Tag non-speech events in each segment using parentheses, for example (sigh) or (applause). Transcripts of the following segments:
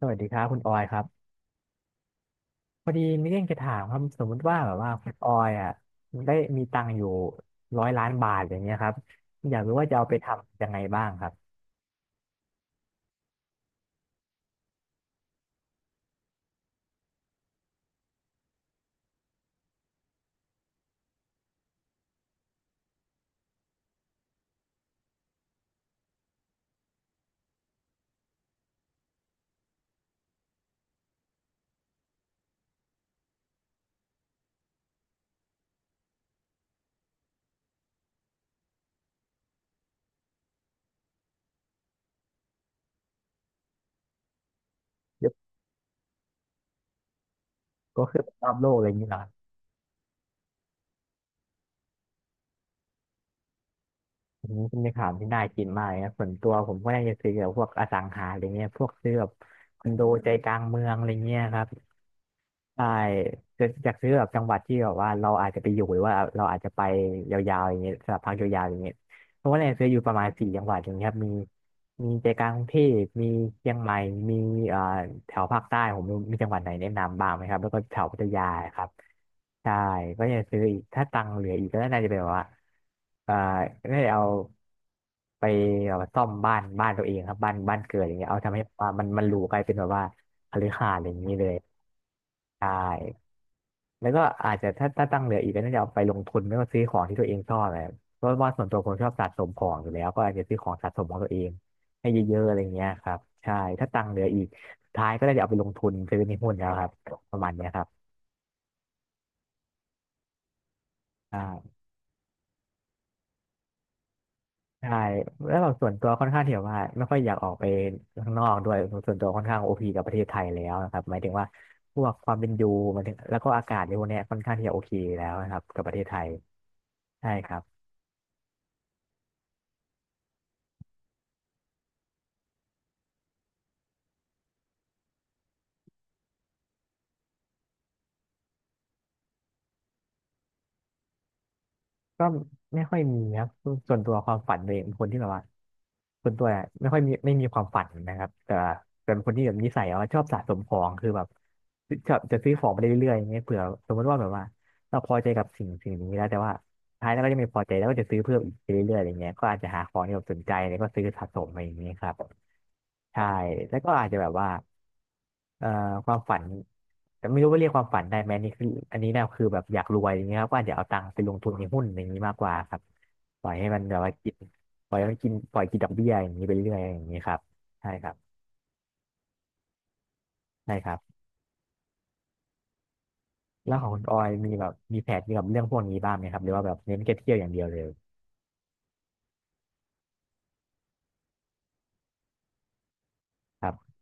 สวัสดีครับคุณออยครับพอดีมีเรื่องจะถามครับสมมุติว่าแบบว่าคุณออยอ่ะได้มีตังค์อยู่100,000,000 บาทอย่างเงี้ยครับอยากรู้ว่าจะเอาไปทำยังไงบ้างครับยกก็คือไปรอบโลกอะไรอย่างเงี้ยเหรอครับอันนี้เป็นคำถามที่น่ากินมากเลยนะส่วนตัวผมก็น่าจะซื้อแบบพวกอสังหาอะไรเงี้ยพวกซื้อแบบคอนโดใจกลางเมืองอะไรเงี้ยครับใช่จะอยากซื้อแบบจังหวัดที่แบบว่าเราอาจจะไปอยู่หรือว่าเราอาจจะไปยาวๆอย่างเงี้ยสำหรับพักยาวๆอย่างเงี้ยเพราะว่าเนี่ยซื้ออยู่ประมาณสี่จังหวัดอย่างเงี้ยครับมีใจกลางกรุงเทพมีเชียงใหม่มีเอ่อแถวภาคใต้ผมมีจังหวัดไหนแนะนำบ้างไหมครับแล้วก็แถวพัทยาครับใช่ก็จะซื้ออีกถ้าตังค์เหลืออีกก็น่าจะเป็นแบบว่าเอ่อได้เอาไปแบบว่าซ่อมบ้านตัวเองครับบ้านเกิดอย่างเงี้ยเอาทำให้แบบว่ามันหรูกลายเป็นแบบว่าคฤหาสน์อะไรอย่างนี้เลยใช่แล้วก็อาจจะถ้าตังค์เหลืออีกก็น่าจะเอาไปลงทุนไม่ก็ซื้อของที่ตัวเองชอบอะไรเพราะว่าส่วนตัวผมชอบสะสมของอยู่แล้วก็อาจจะซื้อของสะสมของตัวเอง ให้เยอะๆอะไรเงี้ยครับใช่ถ้าตังค์เหลืออีกสุดท้ายก็ได้จะเอาไปลงทุนซื้อในหุ้นแล้วครับประมาณเนี้ยครับใช่าใช่แล้วแบบส่วนตัวค่อนข้างที่แบบว่าไม่ค่อยอยากออกไปข้างนอกด้วยส่วนตัวค่อนข้างโอพีกับประเทศไทยแล้วนะครับหมายถึงว่าพวกความเป็นอยู่หมายถึงแล้วก็อากาศในพวกเนี้ยค่อนข้างที่จะโอเคแล้วนะครับกับประเทศไทยใช่ครับ ก็ไม่ค่อยมีนะส่วนตัวความฝันตัวเองเป็นคนที่แบบว่าส่วนตัวเนี่ยไม่ค่อยมีไม่มีความฝันนะครับแต่แ่เป็นคนที่แบบนิสัยว่าชอบสะสมของคือแบบชอบจะซื้อของไปเรื่อยๆอย่างเงี้ยเผื่อสมมติว่าแบบว่าเราพอใจกับสิ่งนี้แล้วแต่ว่า ท้ายแล้วก็จะไมีพอใจแล้วก็จะซื้อเพิ่มอีกไปเรื่อยๆอะไรเงี้ยก็อาจจะหาของที่แบบสนใจแล้วก็ซื้อสะสมอะไรอย่างเงี้ยครับใช่แล้วก็อาจจะแบบว่าเอ่อความฝันแต่ไม่รู้ว่าเรียกความฝันได้ไหมนี่คืออันนี้เนี่ยคือแบบอยากรวยอย่างเงี้ยครับก็อาจจะเอาตังค์ไปลงทุนในหุ้นอย่างนี้มากกว่าครับปล่อยให้มันแบบว่ากินปล่อยให้มันกินปล่อยกินดอกเบี้ยอย่างนี้ไปเรื่อยอย่างนี้ครับใช่ครับใช่ครับแล้วของคุณออยมีแบบมีแผนเกี่ยวกับเรื่องพวกนี้บ้างไหมครับหรือว่าแบบเน้นแค่เที่ยวอย่างเดียวเลยครับ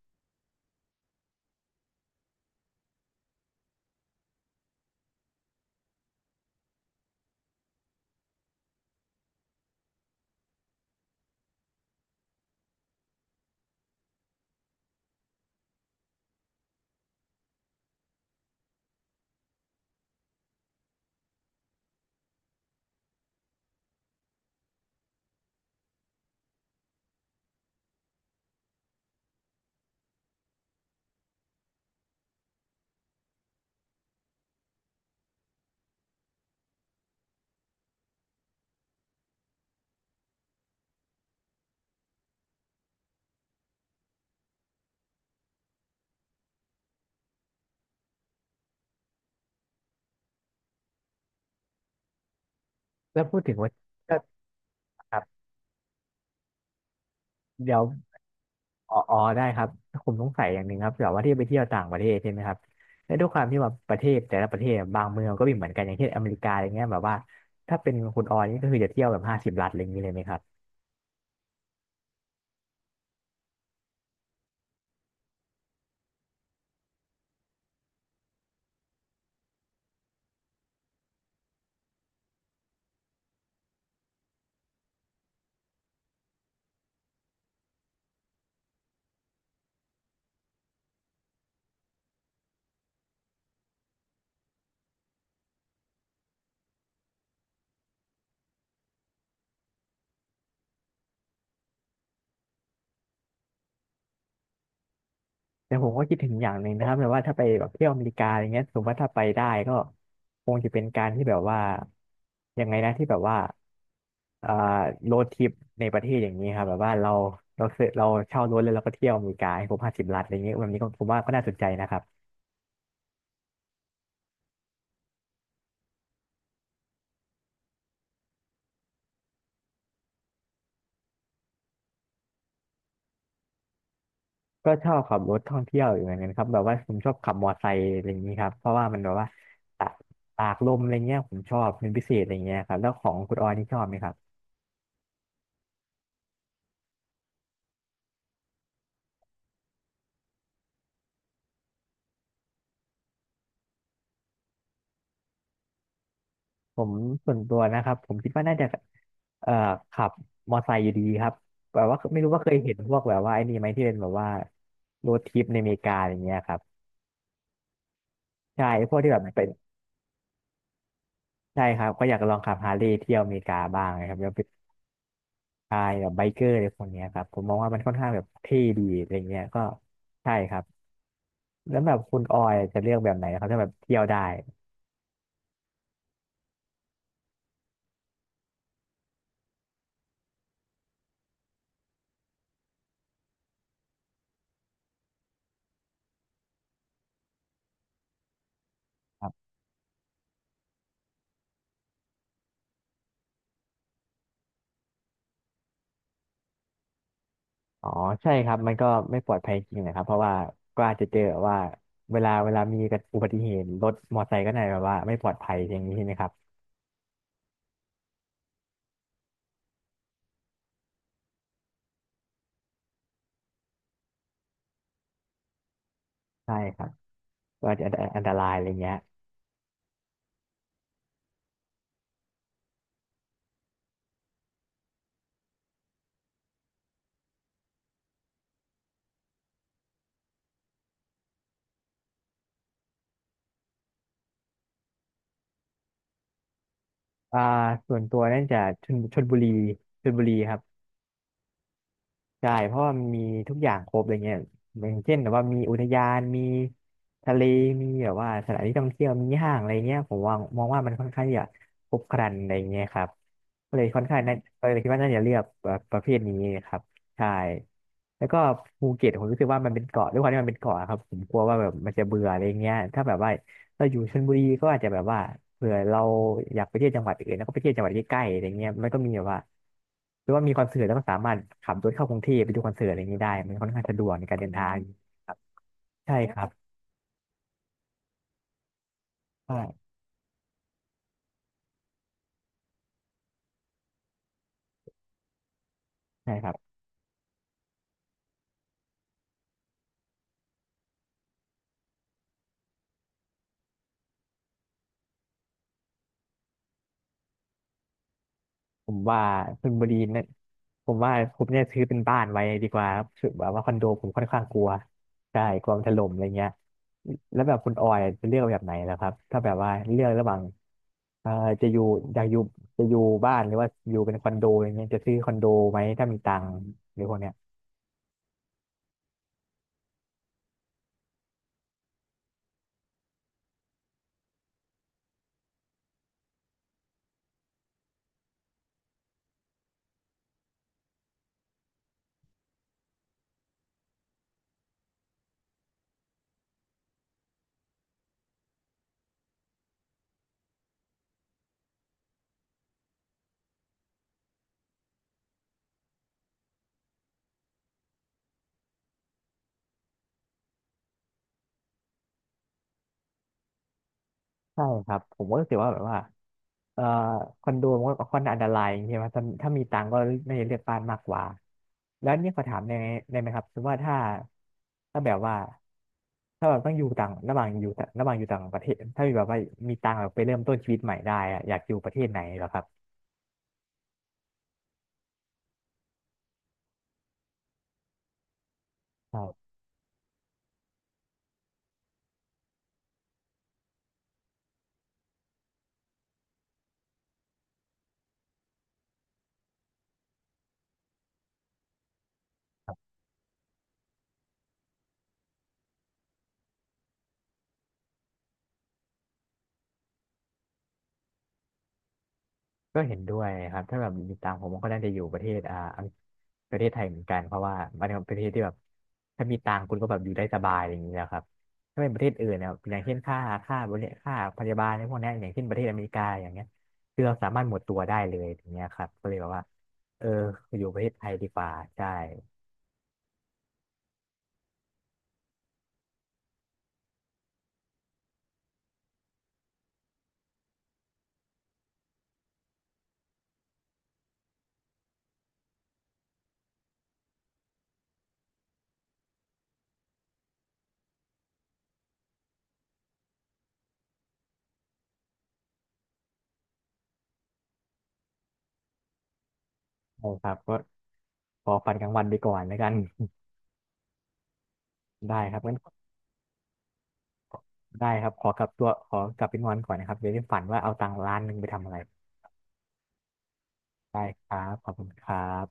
แล้วพูดถึงว่าก็ครับเดี๋ยว อ๋ออ๋อได้ครับผมสงสัยอย่างหนึ่งครับแบบว่าที่ไปเที่ยวต่างประเทศใช่ไหมครับแล้วด้วยความที่ว่าประเทศแต่ละประเทศบางเมืองก็มีเหมือนกันอย่างเช่นอเมริกาอะไรเงี้ยแบบว่าถ้าเป็นคุณออยนี่ก็คือจะเที่ยวแบบห้าสิบรัฐอะไรอย่างนี้เลยไหมครับแต่ผมก็คิดถึงอย่างหนึ่งนะครับแบบว่าถ้าไปแบบเที่ยวอเมริกาอะไรเงี้ยสมมติว่าถ้าไปได้ก็คงจะเป็นการที่แบบว่ายังไงนะที่แบบว่าเอ่อโรดทริปในประเทศอย่างนี้ครับแบบว่าเราเราซื้อเราเช่ารถแล้วเราก็เที่ยวอเมริกาให้ครบห้าสิบรัฐอะไรเงี้ยแบบนี้ก็ผมว่าก็น่าสนใจนะครับ ก็ชอบขับรถท่องเที่ยวอยู่เหมือนกันครับแบบว่าผมชอบขับมอไซค์อะไรอย่างนี้ครับเพราะว่ามันแบบว่าตากตากลมอะไรเงี้ยผมชอบเป็นพิเศษอะไรเงี้ยครับแล้วของคุณออยนี่ชอบไหมครับผมส่วนตัวนะครับผมคิดว่าน่าจะเอ่อขับมอไซค์อยู่ดีครับแบบว่าไม่รู้ว่าเคยเห็นพวกแบบว่าไอ้นี่ไหมที่เป็นแบบว่าโรดทริปในอเมริกาอย่างเงี้ยครับใช่พวกที่แบบเป็นใช่ครับก็อยากลองขับฮาร์เลย์เที่ยวอเมริกาบ้างนะครับแล้วไปพายแบบไบเกอร์อะไรพวกเนี้ยครับผมมองว่ามันค่อนข้างแบบเท่ดีอะไรเงี้ยก็ใช่ครับ แล้วแบบคุณออยจะเลือกแบบไหนครับถ้าแบบเที่ยวได้ครับอ๋อใช่ครับมันก็ไม่ปลอดภัยจริงนะครับเพราะว่าก็อาจจะเจอว่าเวลามีอุบัติเหตุรถมอเตอร์ไซค์ก็ไหนแบบว่าไม่ปลอดภัยอย่างนี้ใช่ไหมครับใช่ครับก็อาจจะอันตรายอะไรเงี้ยอ่าส่วนตัวนั่นจะชลบุรีชลบุรีครับ ใช่เพราะว่ามันมีทุกอย่างครบอะไรเงี้ยอย่างเช่นแบบว่ามีอุทยานมีทะเลมีแบบว่าสถานที่ท่องเที่ยวมีห้างอะไรเงี้ยผมว่ามองว่ามันค่อนข้างที่จะครบครันอะไรเงี้ยครับก็เลยค่อนข้างน่าก็เลยคิดว่าน่าจะเลือกแบบประเภทนี้ครับใช่แล้วก็ภูเก็ตผมรู้สึกว่ามันเป็นเกาะด้วยความที่มันเป็นเกาะครับผมกลัวว่าแบบมันจะเบื่ออะไรเงี้ยถ้าแบบว่า เราอยู่ชลบุรีก็อาจจะแบบว่าเผื่อเราอยากไปเที่ยวจังหวัดอื่นแล้วก็ไปเที่ยวจังหวัดใกล้ๆอะไรเงี้ยมันก็มีแบบว่าหรือว่ามีคอนเสิร์ตแล้วก็สามารถขับรถเข้ากรุงเทพไปดูคอนเสิร์ตอะไรเงงี้ยได้มันค่อนข้างสะดวกในการเดินทางครับใช่ครับใช่ใช่ครับ ผมว่าชลบุรีเนะผมว่าผมเนี่ยซื้อเป็นบ้านไว้ดีกว่าครับคือแบบว่าคอนโดผมค่อนข้างกลัวใช่กลัวมันถล่มอะไรเงี้ยแล้วแบบคุณออยจะเลือกแบบไหนแล้วครับถ้าแบบว่าเลือกระหว่างเอ่อจะอยู่อยากอยู่จะอยู่บ้านหรือว่าอยู่เป็นคอนโดอย่างเงี้ยจะซื้อคอนโดไหมถ้ามีตังค์หรือพวกเนี้ย ใช่ครับผมก็รู้สึกว่าแบบว่าเอ่อคอนโดมันก็ค่อนข้างอันตรายอย่างเงี้ยว่าถ้ามีตังค์ก็น่าจะเลือกบ้านมากกว่าแล้วนี่ขอถามได้ไหมได้ไหมครับสมมติว่าถ้าถ้าแบบว่าถ้าแบบต้องอยู่ต่างระหว่างอยู่ต่างระหว่างอยู่ต่างประเทศถ้ามีแบบว่ามีตังค์แบบไปเริ่มต้นชีวิตใหม่ได้อะอยากอยู่ประเทศไหนเหรอครับ ก็เห็นด้วยครับถ้าแบบติดตามผมก็น่าจะอยู่ประเทศอ่าอังประเทศไทยเหมือนกันเพราะว่ามันเป็นประเทศที่แบบถ้ามีตังค์คุณก็แบบอยู่ได้สบายอย่างนี้แะครับถ้าเป็นประเทศอื่นเนี่ยอย่างเช่นค่าพยาบาลในพวกเนี้ยอย่างเช่นประเทศอเมริกาอย่างเงี้ยคือเราสามารถหมดตัวได้เลยอย่างเงี้ยครับก็เลยแบบว่าเอออยู่ประเทศไทยดีกว่าใช่ใช่ครับก็ขอฝันกลางวันไปก่อนแล้วกัน (laughs) ได้ครับงั้นได้ครับขอกลับตัวขอกลับไปนอนก่อนนะครับเดี๋ยวนี้ฝันว่าเอาตังค์ล้านหนึ่งไปทำอะไร ได้ครับ ขอบคุณครับ